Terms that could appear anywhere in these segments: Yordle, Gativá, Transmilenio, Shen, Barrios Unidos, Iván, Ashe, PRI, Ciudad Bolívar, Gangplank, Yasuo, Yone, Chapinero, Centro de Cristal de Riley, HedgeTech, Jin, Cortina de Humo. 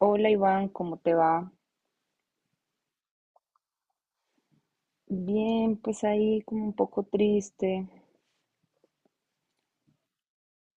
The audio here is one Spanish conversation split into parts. Hola Iván, ¿cómo te va? Bien, pues ahí como un poco triste.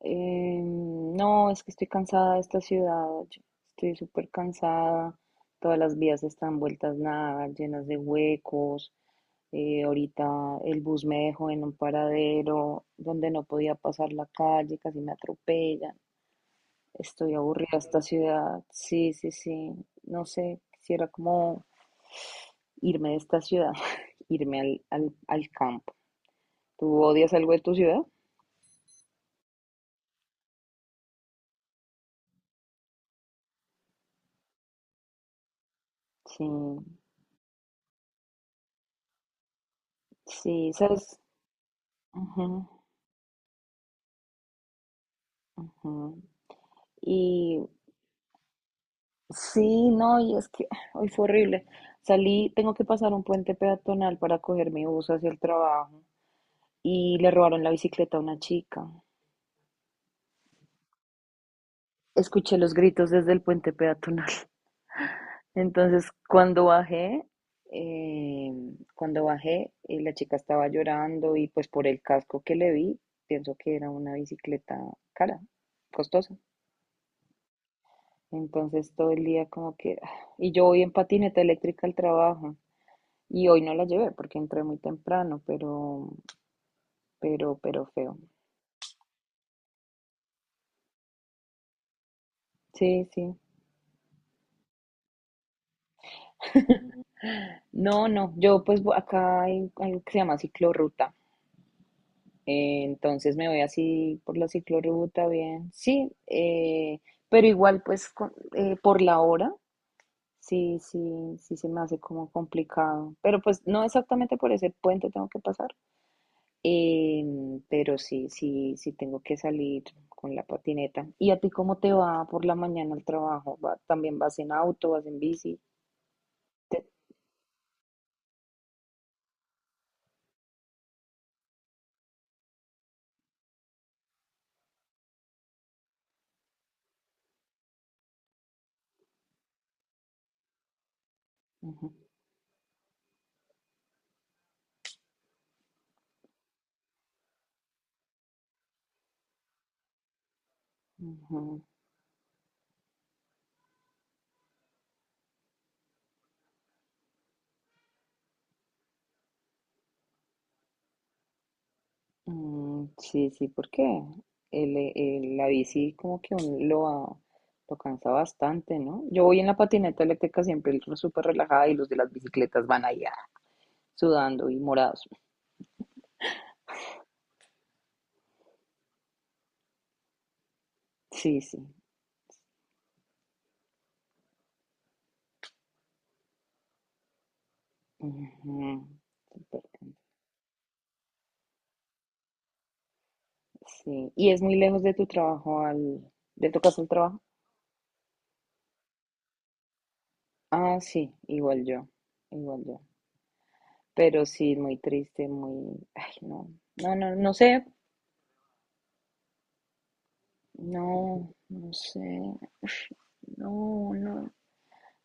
No, es que estoy cansada de esta ciudad, yo estoy súper cansada. Todas las vías están vueltas nada, llenas de huecos. Ahorita el bus me dejó en un paradero donde no podía pasar la calle, casi me atropellan. Estoy aburrida de esta ciudad. Sí, sí, sí. No sé, quisiera como irme de esta ciudad, irme al campo. ¿Tú odias algo de tu ciudad? Sí, sí, sabes. Ujú, ujú. Y sí, no, y es que hoy fue horrible. Salí, tengo que pasar un puente peatonal para coger mi bus hacia el trabajo y le robaron la bicicleta a una chica. Escuché los gritos desde el puente peatonal. Entonces, eh, cuando bajé, la chica estaba llorando y pues por el casco que le vi, pienso que era una bicicleta cara, costosa. Entonces todo el día como que... ah, y yo voy en patineta eléctrica al trabajo. Y hoy no la llevé porque entré muy temprano, pero, pero feo. Sí, sí. No, no, yo pues acá hay algo que se llama ciclorruta. Entonces me voy así por la ciclorruta, bien. Sí, pero igual pues por la hora, sí, sí, sí se me hace como complicado. Pero pues no exactamente por ese puente tengo que pasar. Pero sí, sí, sí tengo que salir con la patineta. ¿Y a ti cómo te va por la mañana al trabajo? También vas en auto, vas en bici? Te- Ujú, ujú. Mm, sí, sí, porque la bici como que lo cansa bastante, ¿no? Yo voy en la patineta eléctrica siempre súper relajada y los de las bicicletas van allá sudando y morados. Sí, sí. Ujú. Sí, y es muy lejos de tu trabajo al, de tu casa al trabajo. Ah, sí, igual yo, igual yo. Pero sí, muy triste, muy, ay, no, no, no, no sé, no, no sé, no, no,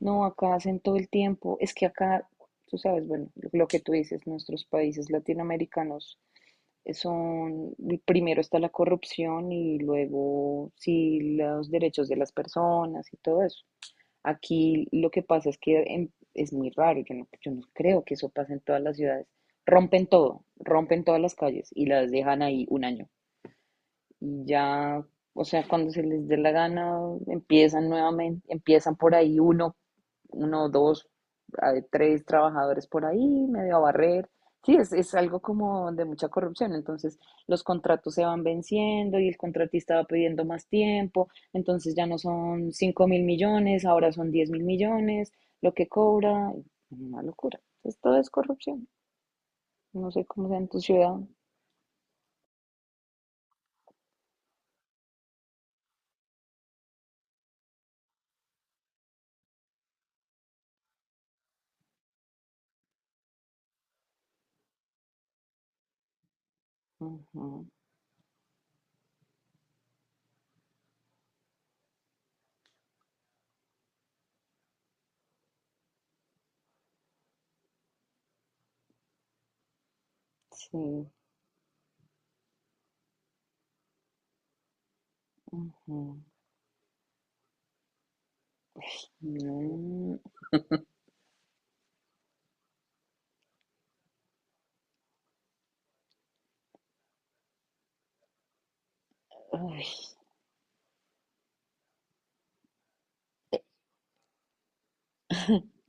no, acá hacen todo el tiempo. Es que acá, tú sabes, bueno, lo que tú dices, nuestros países latinoamericanos son, primero está la corrupción y luego sí los derechos de las personas y todo eso. Aquí lo que pasa es que es muy raro, yo no, yo no creo que eso pase en todas las ciudades. Rompen todo, rompen todas las calles y las dejan ahí un año. Y ya, o sea, cuando se les dé la gana, empiezan nuevamente, empiezan por ahí uno, dos, tres trabajadores por ahí, medio a barrer. Sí, es algo como de mucha corrupción. Entonces, los contratos se van venciendo y el contratista va pidiendo más tiempo. Entonces, ya no son 5 mil millones, ahora son 10 mil millones, lo que cobra. Una locura. Entonces, todo es corrupción. No sé cómo sea en tu ciudad. Ujú. Sí. Ujú. No, ay,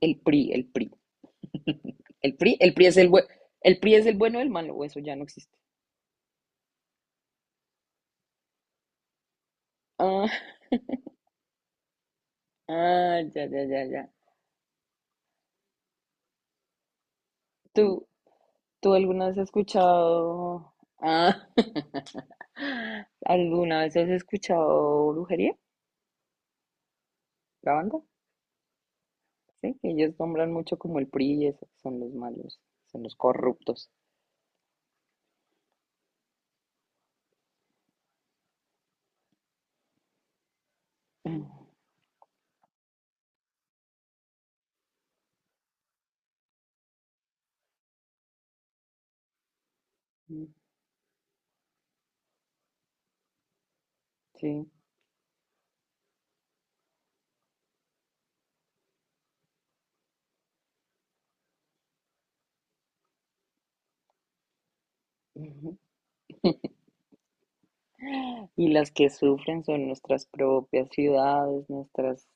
el PRI, el PRI. El PRI es el buen, el PRI es el bueno o el malo, o eso ya no existe. Ah, ah, ya, ya, ya, ya. ¿Tú, tú alguna vez has escuchado, ah, alguna vez has escuchado brujería, la banda? Sí, que ellos nombran mucho como el PRI y eso, son los malos, son los corruptos. Mm. Sí. Y las que sufren son nuestras propias ciudades, nuestras,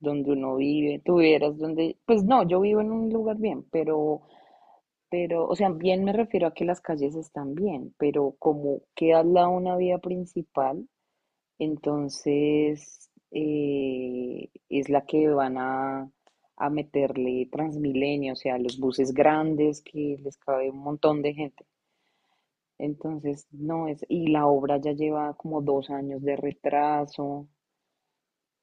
donde uno vive. Tuvieras donde, pues no, yo vivo en un lugar bien, pero, o sea, bien me refiero a que las calles están bien, pero como queda al lado una vía principal, entonces es la que van a meterle Transmilenio, o sea, los buses grandes que les cabe un montón de gente. Entonces, no es, y la obra ya lleva como dos años de retraso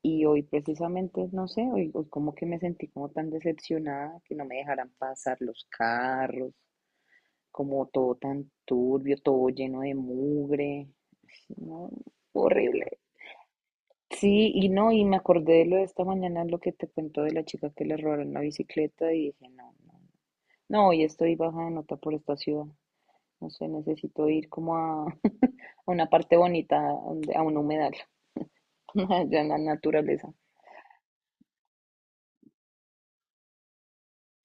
y hoy precisamente, no sé, hoy, hoy como que me sentí como tan decepcionada que no me dejaran pasar los carros, como todo tan turbio, todo lleno de mugre, no, horrible. Sí, y no, y me acordé de lo de esta mañana, lo que te cuento de la chica que le robaron la bicicleta y dije, no, no, no, hoy estoy baja de nota por esta ciudad, no sé, necesito ir como a una parte bonita, a un humedal, allá en la naturaleza.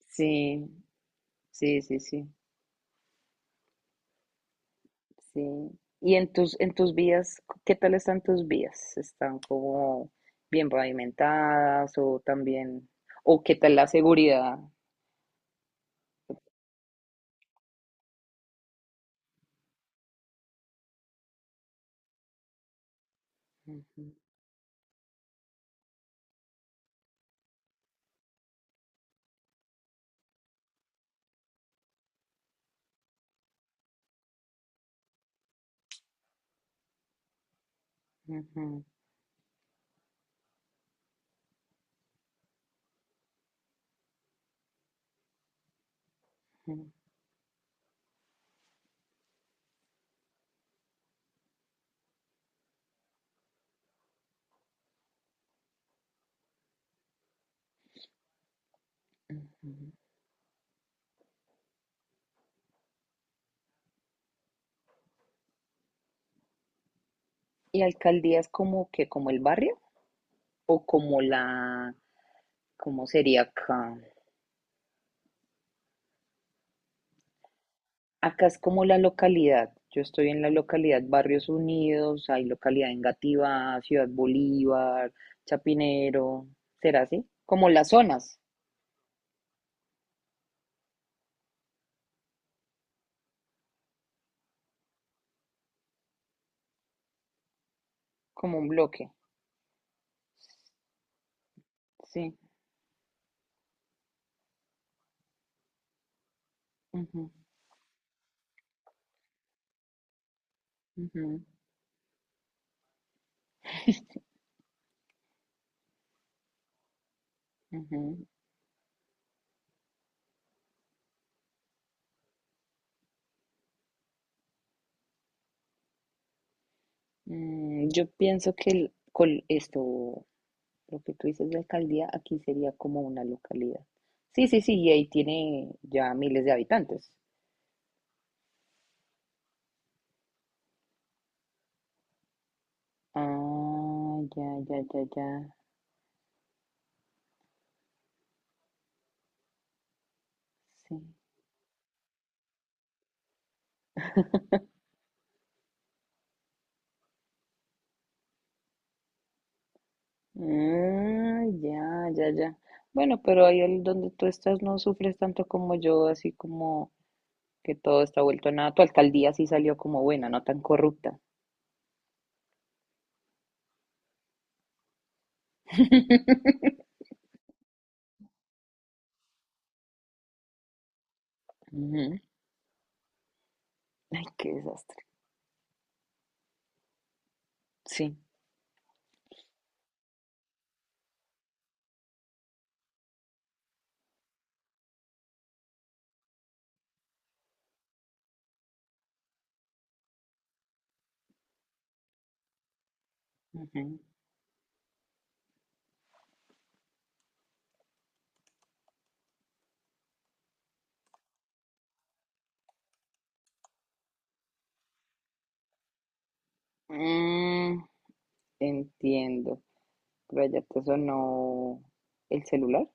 Sí, sí, sí, sí, sí. ¿Y en tus vías, qué tal están tus vías? ¿Están como bien pavimentadas o también, o qué tal la seguridad? Ujú, ujú, ujú, ujú. ¿Y alcaldías como que, como el barrio o como la, cómo sería acá? Acá es como la localidad. Yo estoy en la localidad Barrios Unidos, hay localidad en Gativá, Ciudad Bolívar, Chapinero. ¿Será así? Como las zonas, como un bloque. Sí. Ujú, ujú, ujú. Mm, yo pienso que con esto, lo que tú dices de alcaldía, aquí sería como una localidad. Sí, sí, sí, y ahí tiene ya miles de habitantes. Ah, ya, ya, ya, ya. Sí. Ah, ya, ya, ya. Bueno, pero ahí donde tú estás no sufres tanto como yo, así como que todo está vuelto a nada. Tu alcaldía sí salió como buena, no tan corrupta. Ujú. Ay, qué desastre. Sí. Ujú. Mm, entiendo. Pero allá te sonó el celular.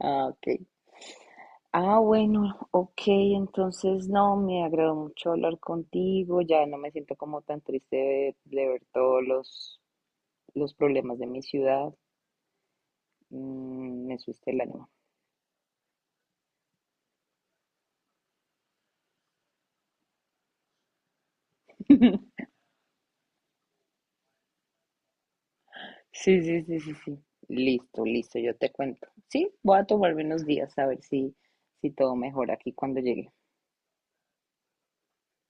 Ah, ok. Ah, bueno, ok, entonces no, me agradó mucho hablar contigo, ya no me siento como tan triste de ver todos los problemas de mi ciudad. Mm, me subiste el ánimo. Sí, sí, sí, sí, sí. Listo, listo, yo te cuento. Sí, voy a tomarme unos días a ver si, si todo mejora aquí cuando llegue.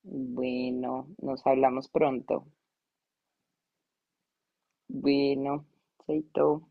Bueno, nos hablamos pronto. Bueno, chaito.